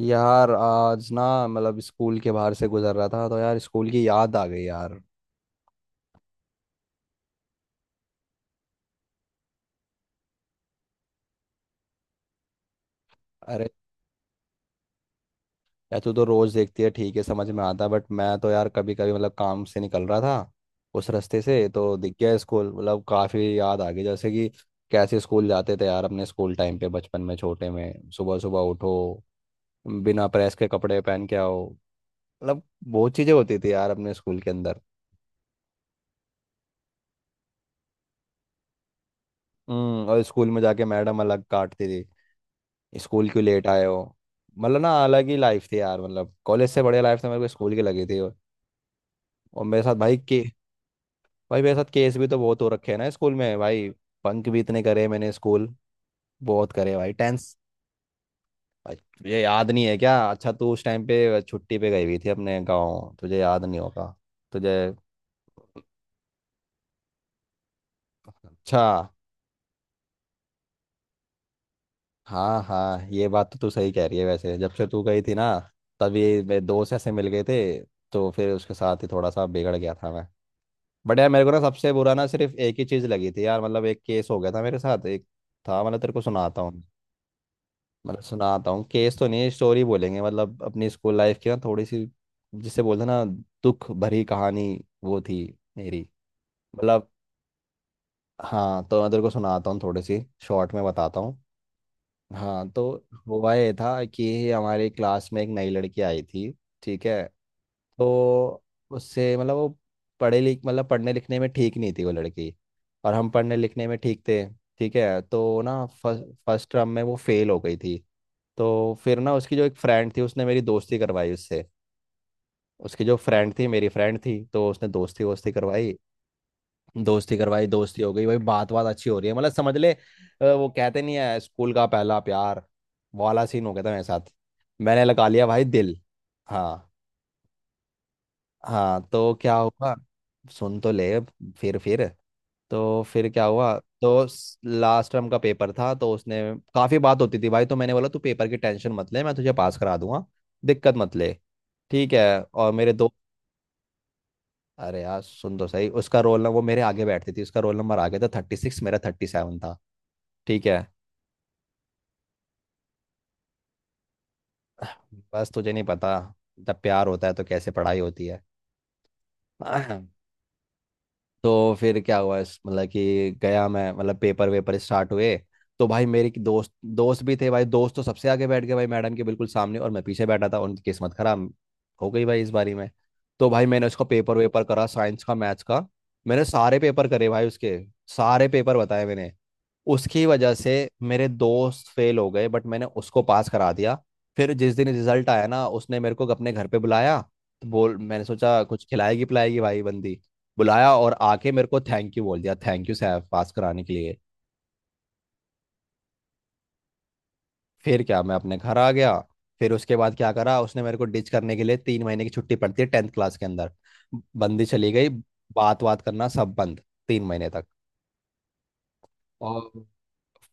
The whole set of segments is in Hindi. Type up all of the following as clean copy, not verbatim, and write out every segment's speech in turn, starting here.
यार आज ना मतलब स्कूल के बाहर से गुजर रहा था तो यार स्कूल की याद आ गई यार। अरे यार तू तो रोज देखती है, ठीक है समझ में आता है, बट मैं तो यार कभी कभी मतलब काम से निकल रहा था, उस रास्ते से तो दिख गया स्कूल, मतलब काफी याद आ गई, जैसे कि कैसे स्कूल जाते थे यार अपने स्कूल टाइम पे, बचपन में, छोटे में, सुबह सुबह उठो, बिना प्रेस के कपड़े पहन के आओ, मतलब बहुत चीजें होती थी यार अपने स्कूल के अंदर। और स्कूल में जाके मैडम अलग काटती थी, स्कूल क्यों लेट आए हो। मतलब ना अलग ही लाइफ थी यार, मतलब कॉलेज से बढ़िया लाइफ तो मेरे को स्कूल की लगी थी। और मेरे साथ भाई के, भाई मेरे साथ केस भी तो बहुत हो रखे हैं ना स्कूल में। भाई बंक भी इतने करे मैंने स्कूल, बहुत करे भाई टेंस। भाई तुझे याद नहीं है क्या? अच्छा तू उस टाइम पे छुट्टी पे गई हुई थी अपने गाँव, तुझे याद नहीं होगा तुझे। अच्छा। हाँ हाँ, ये बात तो तू सही कह रही है। वैसे जब से तू गई थी ना, तभी मेरे दोस्त ऐसे मिल गए थे, तो फिर उसके साथ ही थोड़ा सा बिगड़ गया था मैं। बट यार मेरे को ना सबसे बुरा ना सिर्फ एक ही चीज लगी थी यार, मतलब एक केस हो गया था मेरे साथ, एक था मतलब तेरे को सुनाता हूँ। मतलब सुनाता हूँ, केस तो नहीं स्टोरी बोलेंगे, मतलब अपनी स्कूल लाइफ की ना थोड़ी सी, जिसे बोलते हैं ना दुख भरी कहानी, वो थी मेरी मतलब। हाँ तो मैं तेरे को सुनाता हूँ थोड़ी सी, शॉर्ट में बताता हूँ। हाँ तो हुआ ये था कि हमारी क्लास में एक नई लड़की आई थी, ठीक है? तो उससे मतलब वो पढ़े लिख मतलब पढ़ने लिखने में ठीक नहीं थी वो लड़की, और हम पढ़ने लिखने में ठीक थे, ठीक है? तो ना फर्स्ट टर्म में वो फेल हो गई थी। तो फिर ना उसकी जो एक फ्रेंड थी उसने मेरी दोस्ती करवाई उससे। उसकी जो फ्रेंड थी मेरी फ्रेंड थी, तो उसने दोस्ती वोस्ती करवाई, दोस्ती करवाई, दोस्ती हो गई भाई। बात बात अच्छी हो रही है, मतलब समझ ले वो कहते नहीं है स्कूल का पहला प्यार, वो वाला सीन हो गया था मेरे साथ। मैंने लगा लिया भाई दिल। हाँ। हाँ तो क्या हुआ, सुन तो ले। फिर तो फिर क्या हुआ, तो लास्ट टर्म का पेपर था तो उसने, काफ़ी बात होती थी भाई, तो मैंने बोला तू पेपर की टेंशन मत ले, मैं तुझे पास करा दूंगा, दिक्कत मत ले, ठीक है? और मेरे दो, अरे यार सुन तो सही, उसका रोल नंबर, वो मेरे आगे बैठती थी, उसका रोल नंबर आगे था 36, मेरा 37 था, ठीक है? बस तुझे नहीं पता जब प्यार होता है तो कैसे पढ़ाई होती है। तो फिर क्या हुआ, मतलब कि गया मैं, मतलब पेपर वेपर स्टार्ट हुए। तो भाई मेरे की दोस्त दोस्त भी थे भाई, दोस्त तो सबसे आगे बैठ गए भाई, मैडम के बिल्कुल सामने, और मैं पीछे बैठा था। उनकी किस्मत खराब हो गई भाई इस बारी में। तो भाई मैंने उसका पेपर वेपर करा, साइंस का, मैथ्स का, मैंने सारे पेपर करे भाई उसके, सारे पेपर बताए मैंने। उसकी वजह से मेरे दोस्त फेल हो गए, बट मैंने उसको पास करा दिया। फिर जिस दिन रिजल्ट आया ना, उसने मेरे को अपने घर पे बुलाया। तो बोल, मैंने सोचा कुछ खिलाएगी पिलाएगी भाई बंदी, बुलाया और आके मेरे को थैंक यू बोल दिया, थैंक यू सैफ पास कराने के लिए। फिर क्या, मैं अपने घर आ गया। फिर उसके बाद क्या करा उसने मेरे को डिच करने के लिए, 3 महीने की छुट्टी पड़ती है टेंथ क्लास के अंदर, बंदी चली गई, बात बात करना सब बंद, 3 महीने तक। और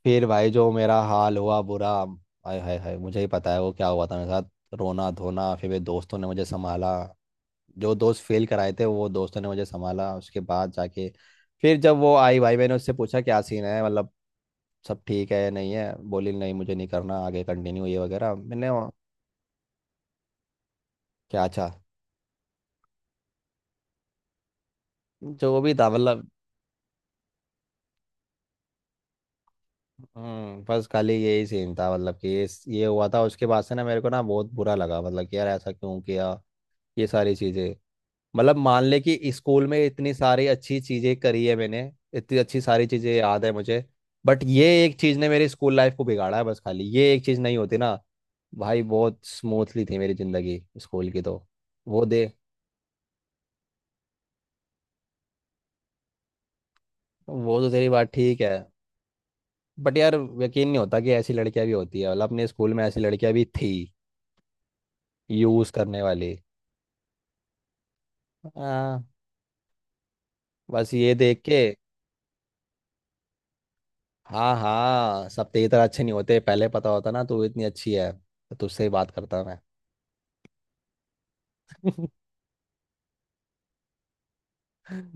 फिर भाई जो मेरा हाल हुआ बुरा, हाय हाय हाय, मुझे ही पता है वो क्या हुआ था मेरे साथ। रोना धोना, फिर मेरे दोस्तों ने मुझे संभाला, जो दोस्त फेल कराए थे वो दोस्तों ने मुझे संभाला उसके बाद जाके। फिर जब वो आई भाई मैंने उससे पूछा क्या सीन है, मतलब सब ठीक है या नहीं है? बोली नहीं मुझे नहीं करना आगे कंटिन्यू ये वगैरह, मैंने क्या, अच्छा, जो भी था मतलब। बस खाली यही सीन था, मतलब कि ये हुआ था। उसके बाद से ना मेरे को ना बहुत बुरा लगा, मतलब कि यार ऐसा क्यों किया, ये सारी चीज़ें, मतलब मान ले कि स्कूल में इतनी सारी अच्छी चीजें करी है मैंने, इतनी अच्छी सारी चीजें याद है मुझे, बट ये एक चीज ने मेरी स्कूल लाइफ को बिगाड़ा है। बस खाली ये एक चीज नहीं होती ना भाई, बहुत स्मूथली थी मेरी जिंदगी स्कूल की तो, वो दे। वो तो तेरी बात ठीक है, बट यार यकीन नहीं होता कि ऐसी लड़कियां भी होती है, मतलब अपने स्कूल में ऐसी लड़कियां भी थी यूज करने वाली। हाँ, बस ये देख के। हाँ हाँ, सब तेरी तरह अच्छे नहीं होते, पहले पता होता ना तू इतनी अच्छी है तो तुझसे ही बात करता मैं।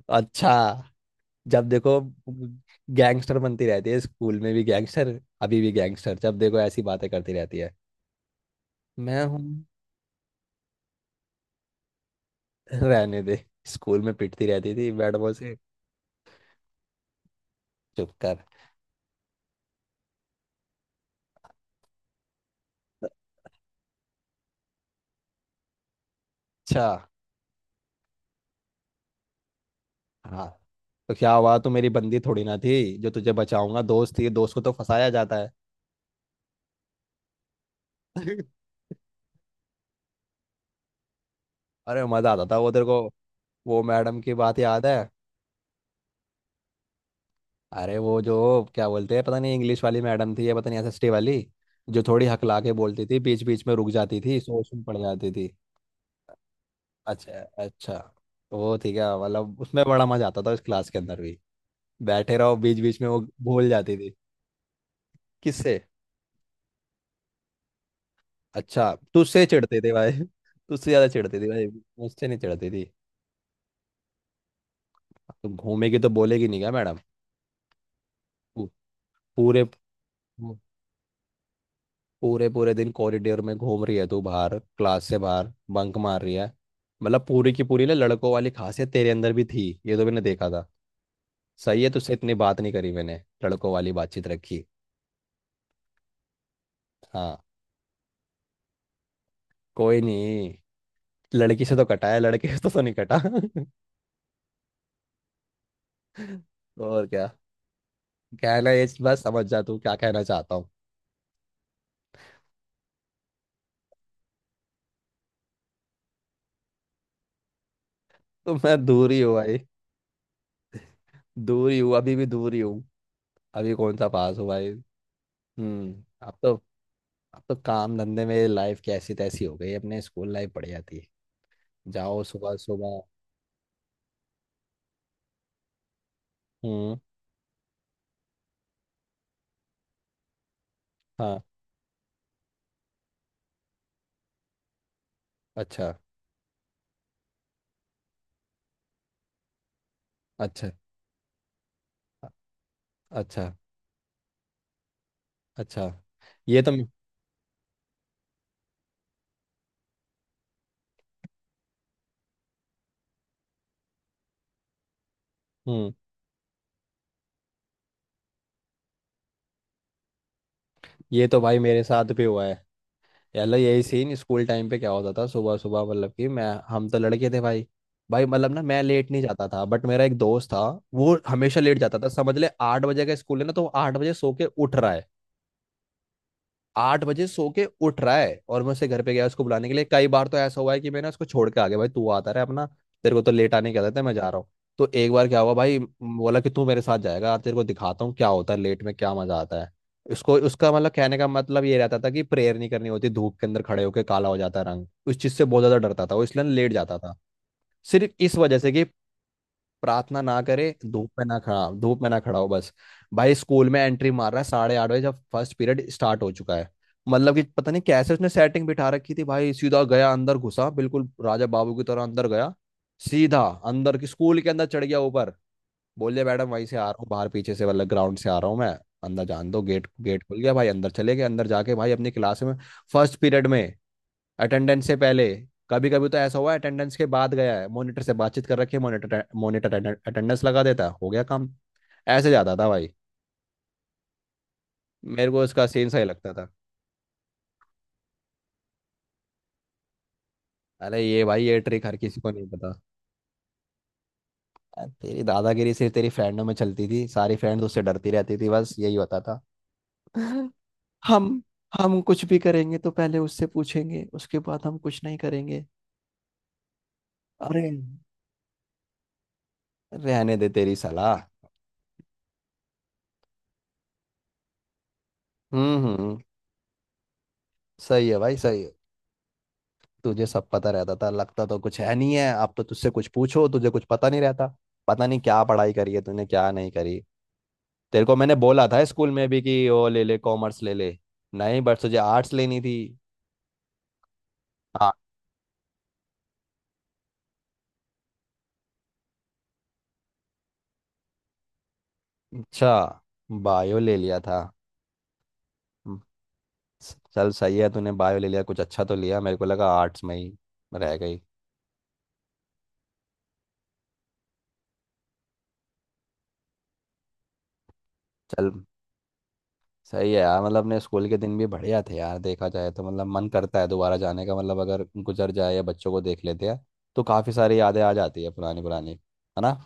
अच्छा, जब देखो गैंगस्टर बनती रहती है, स्कूल में भी गैंगस्टर, अभी भी गैंगस्टर, जब देखो ऐसी बातें करती रहती है। मैं हूँ। रहने दे, स्कूल में पिटती रहती थी बैट बॉल से। चुप कर। अच्छा। हाँ तो क्या हुआ, तू मेरी बंदी थोड़ी ना थी जो तुझे बचाऊंगा, दोस्त थी, दोस्त को तो फंसाया जाता है। अरे मजा आता था वो तेरे को, वो मैडम की बात याद है? अरे वो जो क्या बोलते हैं, पता नहीं इंग्लिश वाली मैडम थी या पता नहीं एसएसटी वाली, जो थोड़ी हकला के बोलती थी, बीच बीच में रुक जाती थी, सोच में पड़ जाती थी। अच्छा अच्छा, वो थी क्या, मतलब उसमें बड़ा मजा आता था इस क्लास के अंदर भी, बैठे रहो बीच बीच में वो भूल जाती थी। किससे? अच्छा तुझसे चिढ़ती थी भाई। तुझसे ज्यादा चिढ़ती थी भाई, मुझसे नहीं चिढ़ती थी। तुम घूमेगी तो बोलेगी नहीं क्या मैडम, पू- पूरे पूरे पूरे दिन कॉरिडोर में घूम रही है तू, बाहर क्लास से बाहर बंक मार रही है। मतलब पूरी की पूरी ना लड़कों वाली खासियत तेरे अंदर भी थी, ये तो मैंने देखा था, सही है। तुझसे इतनी बात नहीं करी मैंने, लड़कों वाली बातचीत रखी। हाँ, कोई नहीं, लड़की से तो कटा है, लड़के से तो नहीं कटा। और क्या कहना, ये बस समझ जा तू क्या कहना चाहता हूँ। तो मैं दूर ही हूँ भाई, दूर ही हूँ, अभी भी दूर ही हूँ, अभी कौन सा पास हूँ भाई। अब तो, अब तो काम धंधे में लाइफ कैसी तैसी हो गई है, अपने स्कूल लाइफ बढ़िया थी। जाओ सुबह सुबह। हम्म, हाँ, अच्छा, अच्छा, अ- अच्छा, अच्छा, ये तो हम्म ये तो भाई मेरे साथ भी हुआ है। यार यही सीन स्कूल टाइम पे क्या होता था, सुबह सुबह मतलब कि मैं हम तो लड़के थे भाई। भाई मतलब ना मैं लेट नहीं जाता था, बट मेरा एक दोस्त था, वो हमेशा लेट जाता था। समझ ले 8 बजे का स्कूल है ना, तो वो 8 बजे सो के उठ रहा है, 8 बजे सो के उठ रहा है, और मैं उसे घर पे गया उसको बुलाने के लिए। कई बार तो ऐसा हुआ है कि मैंने उसको छोड़ के आ गया, भाई तू आता रहे अपना, तेरे को तो लेट आने की आदत है, मैं जा रहा हूँ। तो एक बार क्या हुआ, भाई बोला कि तू मेरे साथ जाएगा, तेरे को दिखाता हूँ क्या होता है, लेट में क्या मजा आता है। उसको उसका मतलब, कहने का मतलब ये रहता था कि प्रेयर नहीं करनी होती, धूप के अंदर खड़े होके काला हो जाता है रंग, उस चीज से बहुत ज्यादा डरता था वो, इसलिए लेट जाता था। सिर्फ इस वजह से कि प्रार्थना ना करे, धूप में ना खड़ा, धूप में ना खड़ा हो बस। भाई स्कूल में एंट्री मार रहा है 8:30 बजे, जब फर्स्ट पीरियड स्टार्ट हो चुका है। मतलब कि पता नहीं कैसे उसने सेटिंग बिठा रखी थी भाई, सीधा गया अंदर घुसा बिल्कुल राजा बाबू की तरह, अंदर गया सीधा अंदर की, स्कूल के अंदर चढ़ गया ऊपर। बोले मैडम वहीं से आ रहा हूँ, बाहर पीछे से मतलब ग्राउंड से आ रहा हूँ मैं, अंदर जान दो गेट। गेट खुल गया भाई, अंदर चले गए, अंदर जाके भाई अपनी क्लास में, फर्स्ट पीरियड में, अटेंडेंस से पहले। कभी कभी तो ऐसा हुआ है अटेंडेंस के बाद गया है, मॉनिटर से बातचीत कर रखी है, मॉनिटर मॉनिटर अटेंडेंस लगा देता, हो गया काम। ऐसे जाता था भाई। मेरे को इसका सीन सही लगता था, अरे ये भाई, ये ट्रिक हर किसी को नहीं पता। अरे तेरी दादागिरी सिर्फ तेरी फ्रेंडों में चलती थी, सारी फ्रेंड्स उससे डरती रहती थी, बस यही होता था। हम हम कुछ भी करेंगे तो पहले उससे पूछेंगे, उसके बाद हम कुछ नहीं करेंगे। अरे रहने दे तेरी सलाह। हम्म, हम्म, सही है भाई सही है। तुझे सब पता रहता था, लगता तो कुछ है नहीं है, अब तो तुझसे कुछ पूछो तुझे कुछ पता नहीं रहता। पता नहीं क्या पढ़ाई करी है तूने, क्या नहीं करी। तेरे को मैंने बोला था स्कूल में भी कि वो ले ले कॉमर्स ले ले, नहीं बट तुझे आर्ट्स लेनी थी। हाँ। अच्छा, बायो ले लिया था। हम्म, चल सही है तूने बायो ले लिया, कुछ अच्छा तो लिया, मेरे को लगा आर्ट्स में ही रह गई। चल सही है यार, मतलब अपने स्कूल के दिन भी बढ़िया थे यार देखा जाए तो, मतलब मन करता है दोबारा जाने का, मतलब अगर गुजर जाए या बच्चों को देख लेते हैं तो काफ़ी सारी यादें आ जाती है पुरानी पुरानी, है ना?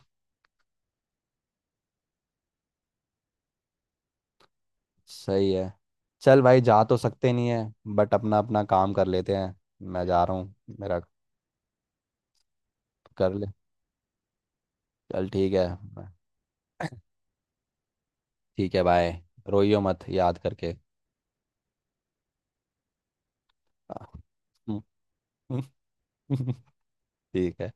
सही है, चल भाई जा तो सकते नहीं है, बट अपना अपना काम कर लेते हैं। मैं जा रहा हूँ, मेरा, कर ले, चल ठीक है। ठीक है बाय, रोइयो मत याद करके। ठीक है।